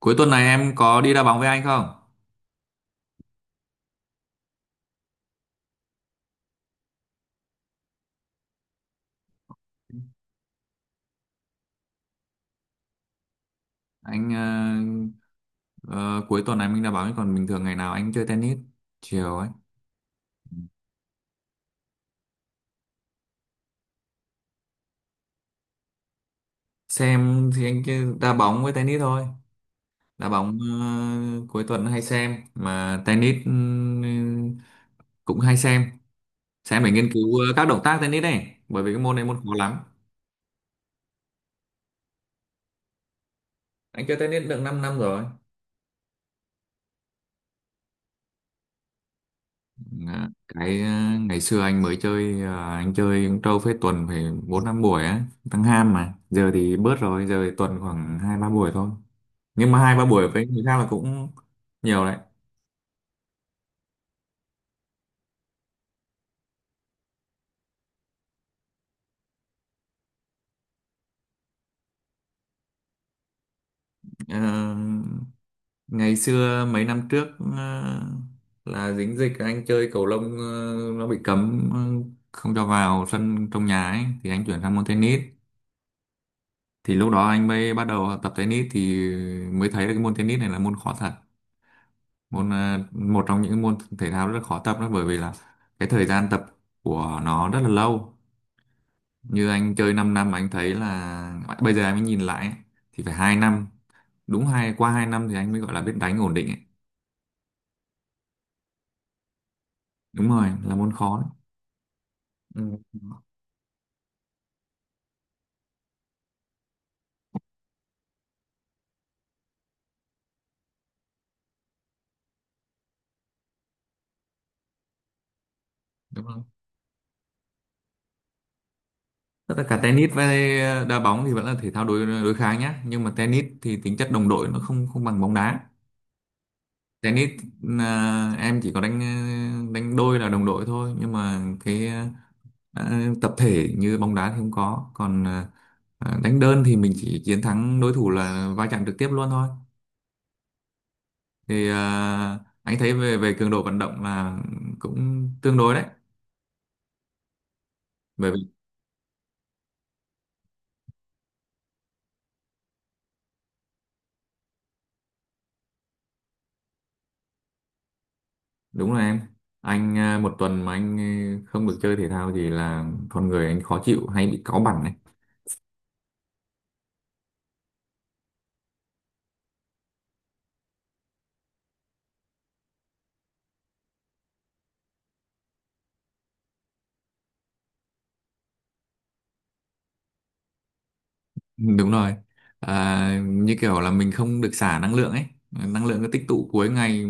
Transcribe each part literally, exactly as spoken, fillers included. Cuối tuần này em có đi đá bóng với anh không? Anh ờ, ờ, cuối tuần này mình đá bóng, chứ còn bình thường ngày nào anh chơi tennis chiều ấy. Xem thì anh chơi đá bóng với tennis thôi. Đá bóng ờ, cuối tuần hay xem, mà tennis ừ, cũng hay xem. Xem để nghiên cứu ờ, các động tác tennis này, bởi vì cái môn này môn khó lắm. Anh chơi tennis được 5 năm năm rồi. Dạ, cái ờ, ngày xưa anh mới chơi, ờ, anh chơi cũng trâu phết, tuần phải bốn năm buổi á, tăng ham, mà giờ thì bớt rồi, giờ thì tuần khoảng hai ba buổi thôi, nhưng mà hai ba buổi với người khác là cũng nhiều đấy. Ờ, Ngày xưa mấy năm trước, ờ, là dính dịch anh chơi cầu lông, ờ, nó bị cấm, ờ, không cho vào sân trong nhà ấy, thì anh chuyển sang môn tennis. Thì lúc đó anh mới bắt đầu tập tennis, thì mới thấy là cái môn tennis này là môn khó thật, môn ờ, một trong những môn thể thao rất là khó tập đó, bởi vì là cái thời gian tập của nó rất là lâu. Như anh chơi 5 năm mà anh thấy là bây giờ anh mới nhìn lại ấy, thì phải hai năm, đúng hai qua hai năm thì anh mới gọi là biết đánh ổn định ấy. Đúng rồi, là môn khó đấy. Ừ, đúng không, tất cả tennis với ờ, đá bóng thì vẫn là thể thao đối đối kháng nhá, nhưng mà tennis thì tính chất đồng đội nó không không bằng bóng đá. Tennis à, em chỉ có đánh ờ, đánh đôi là đồng đội thôi, nhưng mà cái ờ, Đã- tập thể như bóng đá thì không có, còn à, à, đánh đơn thì mình chỉ chiến thắng đối thủ, là va chạm trực tiếp luôn thôi. Thì à, anh thấy về về cường độ vận động là cũng tương đối đấy, bởi vì đúng là em. Anh à, một tuần mà anh không được chơi thể thao thì là con người anh khó chịu, hay bị cáu bẳn đấy. Đúng rồi. À, như kiểu là mình không được xả năng lượng ấy. Năng lượng cứ tích tụ cuối ngày,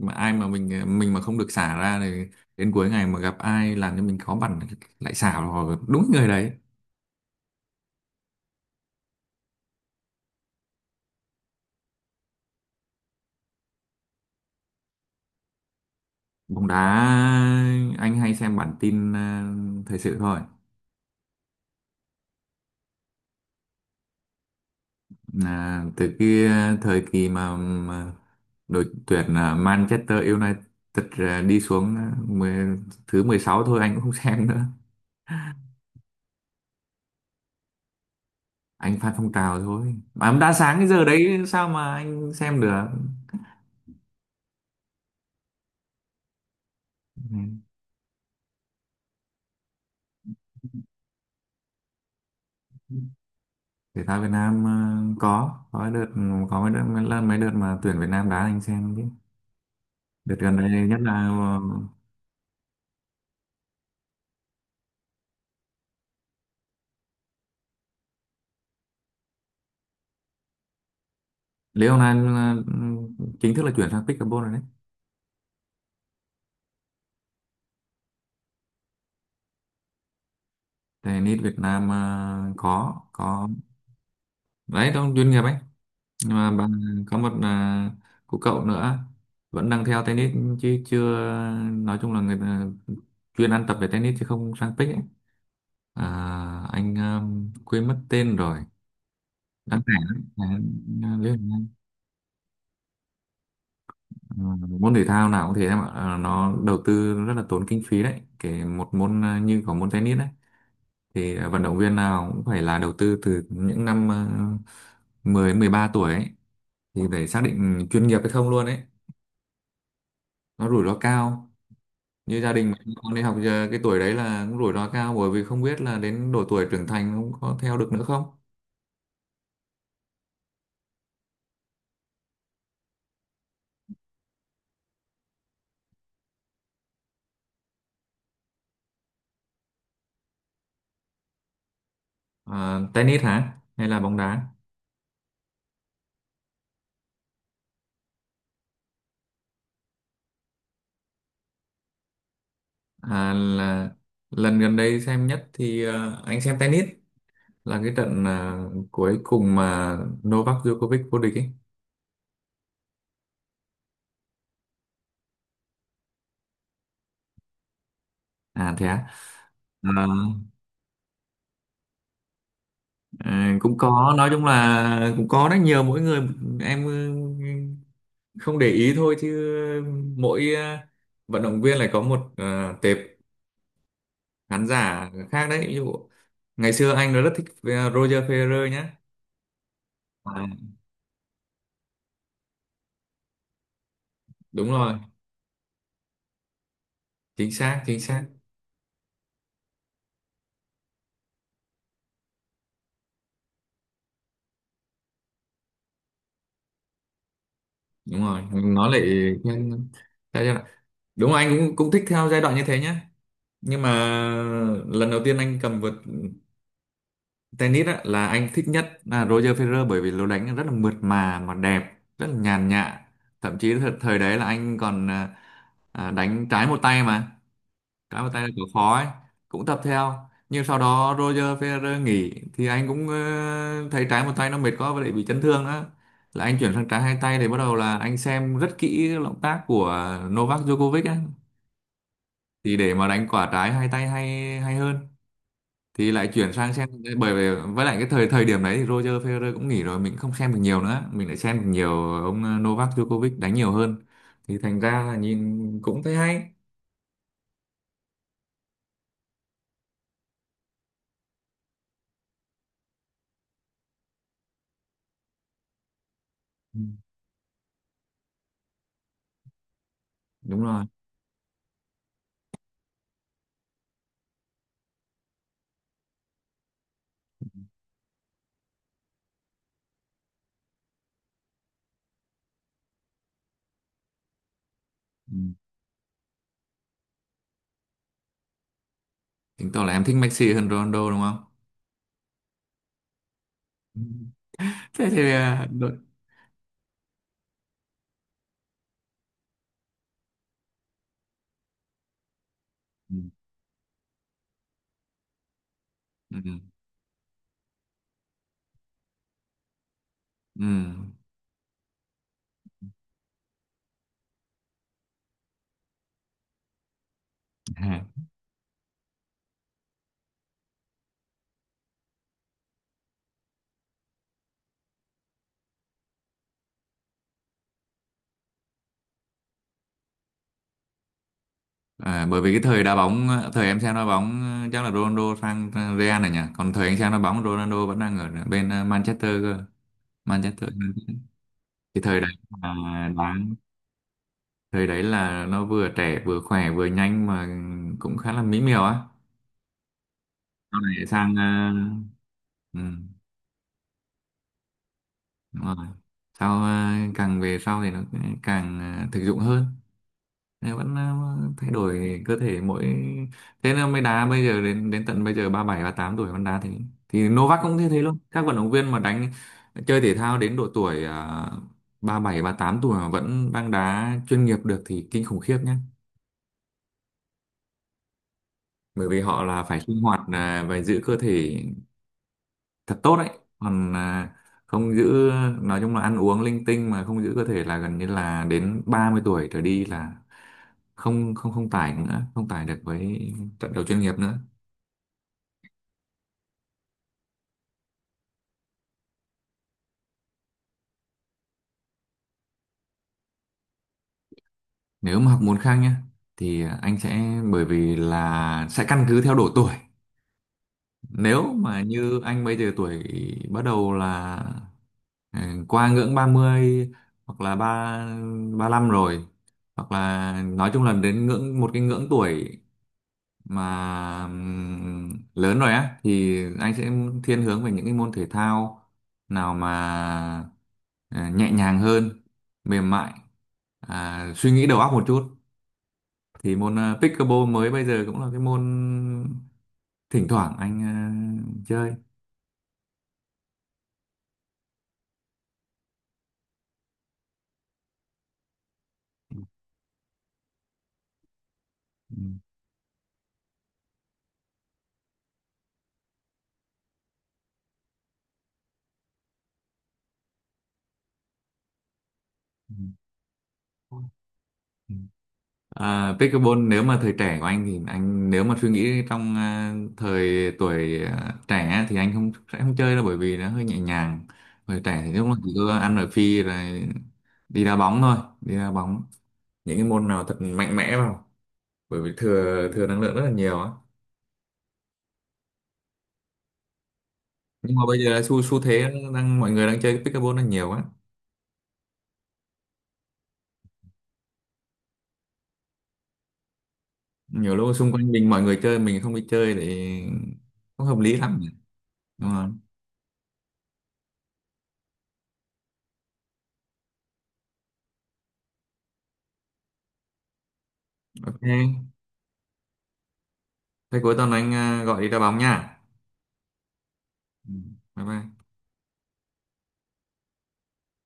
mà ai mà mình mình mà không được xả ra thì đến cuối ngày mà gặp ai làm cho mình khó bản, lại xả vào đúng người đấy. Bóng đá anh hay xem bản tin à, thời sự thôi. À, từ kia, thời kỳ mà, mà đội tuyển à, Manchester United à, đi xuống à, mười- thứ mười sáu thôi anh cũng không xem nữa. Anh Phan Phong Trào thôi, mà ông đã sáng cái giờ đấy sao mà anh xem được. Ừ. Thể thao Việt Nam ờ, có có cái đợt, có mấy đợt mấy lần mấy đợt mà tuyển Việt Nam đá anh xem chứ. Đợt gần đây nhất là ờ, Lý Hồng Anh ờ, chính thức là chuyển sang pickleball rồi đấy. Tennis Việt Nam ờ, có có đấy, trong chuyên nghiệp ấy, nhưng mà bà, có một à, cô cậu nữa vẫn đang theo tennis, chứ chưa, nói chung là người ta chuyên ăn tập về tennis chứ không sang pick ấy. À, anh um, quên mất tên rồi. Đáng lẽ lắm là anh, uh, Lê Hồng Anh. Ờ, môn thể thao nào cũng thế em ạ. Ờ, nó đầu tư rất là tốn kinh phí đấy. Kể một môn uh, như có môn tennis đấy thì uh, vận động viên nào cũng phải là đầu tư từ những năm uh, mười mười ba tuổi ấy, thì phải xác định chuyên nghiệp hay không luôn ấy. Nó rủi ro cao. Như gia đình mà con đi học giờ cái tuổi đấy là cũng rủi ro cao, bởi vì không biết là đến độ tuổi trưởng thành cũng có theo được nữa không. Ờ, tennis hả? Hay là bóng đá? À, là lần gần đây xem nhất thì ờ, anh xem tennis là cái trận ờ, cuối cùng mà Novak Djokovic vô địch ấy. À thế á. Ờ, ờ, Cũng có, nói chung là cũng có rất nhiều, mỗi người em ừ, không để ý thôi, chứ mỗi ờ, vận động viên lại có một ờ, tệp khán giả khác đấy. Ví dụ ngày xưa anh rất thích ờ, Roger Federer nhá. À, đúng rồi, chính xác, chính xác. Đúng rồi, nó lại thiên- theo giai đoạn. Đúng rồi, anh cũng cũng thích theo giai đoạn như thế nhá, nhưng mà lần đầu tiên anh cầm vợt tennis á, là anh thích nhất là Roger Federer, bởi vì lối đánh rất là mượt mà mà đẹp, rất là nhàn nhã. Thậm chí th- thời đấy là anh còn à, à, đánh trái một tay, mà cái bàn tay là cửa khó ấy, cũng tập theo. Nhưng sau đó Roger Federer nghỉ thì anh cũng ờ, thấy trái một tay nó mệt quá, và lại bị chấn thương đó, là anh chuyển sang trái hai tay. Để bắt đầu là anh xem rất kỹ cái động tác của Novak Djokovic ấy, thì để mà đánh quả trái hai tay hay hay hơn, thì lại chuyển sang xem. Bởi vì với lại cái thời thời điểm đấy thì Roger Federer cũng nghỉ rồi, mình không xem được nhiều nữa, mình lại xem được nhiều ông ờ, Novak Djokovic đánh nhiều hơn, thì thành ra là nhìn cũng thấy hay. Ừ, đúng rồi. Ừ. Chứng tỏ là em thích Messi hơn Ronaldo đúng không? Ừ. Thế thì à, đội. Ừ. Ừ. Ừ. À, à, Bởi vì cái thời đá bóng, thời em xem đá bóng ờ, chắc là Ronaldo sang Real này nhỉ, còn thời anh xem đá bóng Ronaldo vẫn đang ở bên ờ, Manchester cơ, Manchester United. Cái thời đấy là đá, thời đấy là nó vừa trẻ vừa khỏe vừa nhanh mà, cũng khá là mỹ miều á. Sau này sang ờ, ừ, đúng rồi. Sau ờ, càng về sau thì nó càng ờ, thực dụng hơn. Này vẫn uh, thay đổi cơ thể mỗi, thế nên mới đá bây giờ đến đến tận bây giờ ba bảy ba tám tuổi vẫn đá thế. Thì Novak cũng như thế luôn. Các vận động viên mà đánh chơi thể thao đến độ tuổi ờ, ba bảy ba tám tuổi mà vẫn đang đá chuyên nghiệp được thì kinh khủng khiếp nhé. Bởi vì họ là phải sinh hoạt à, và giữ cơ thể thật tốt đấy. Còn à, không giữ, nói chung là ăn uống linh tinh mà không giữ cơ thể là gần như là đến ba mươi tuổi trở đi là không không không tải nữa, không tải được với trận đấu chuyên nghiệp nữa. Nếu mà học môn khác nhá, thì anh sẽ, bởi vì là sẽ căn cứ theo độ tuổi. Nếu mà như anh bây giờ tuổi bắt đầu là ừ, qua ngưỡng ba mươi, hoặc là ba 35 rồi, hoặc là nói chung là đến ngưỡng một cái ngưỡng tuổi mà ừm, lớn rồi á, thì anh sẽ thiên hướng về những cái môn thể thao nào mà ờ, nhẹ nhàng hơn, mềm mại, à, suy nghĩ đầu óc một chút. Thì môn ờ, pickleball mới bây giờ cũng là cái môn thỉnh thoảng anh ờ, chơi. Ừ. Ừ. À, pickleball nếu mà thời trẻ của anh thì anh, nếu mà suy nghĩ trong à, thời tuổi à, trẻ thì anh không, sẽ không chơi đâu, bởi vì nó hơi nhẹ nhàng. Thời trẻ thì lúc nào chỉ có ăn ở phi rồi đi đá bóng thôi, đi đá bóng những cái môn nào thật mạnh mẽ vào, bởi vì thừa thừa năng lượng rất là nhiều á. Nhưng mà bây giờ là xu xu thế nó đang, mọi người đang chơi pickleball đang nhiều á. Nhiều lúc xung quanh mình mọi người chơi, mình không đi chơi thì không hợp lý lắm, đúng không? OK, thế cuối tuần anh à, gọi đi đá bóng nha. Ừ. Bye bye.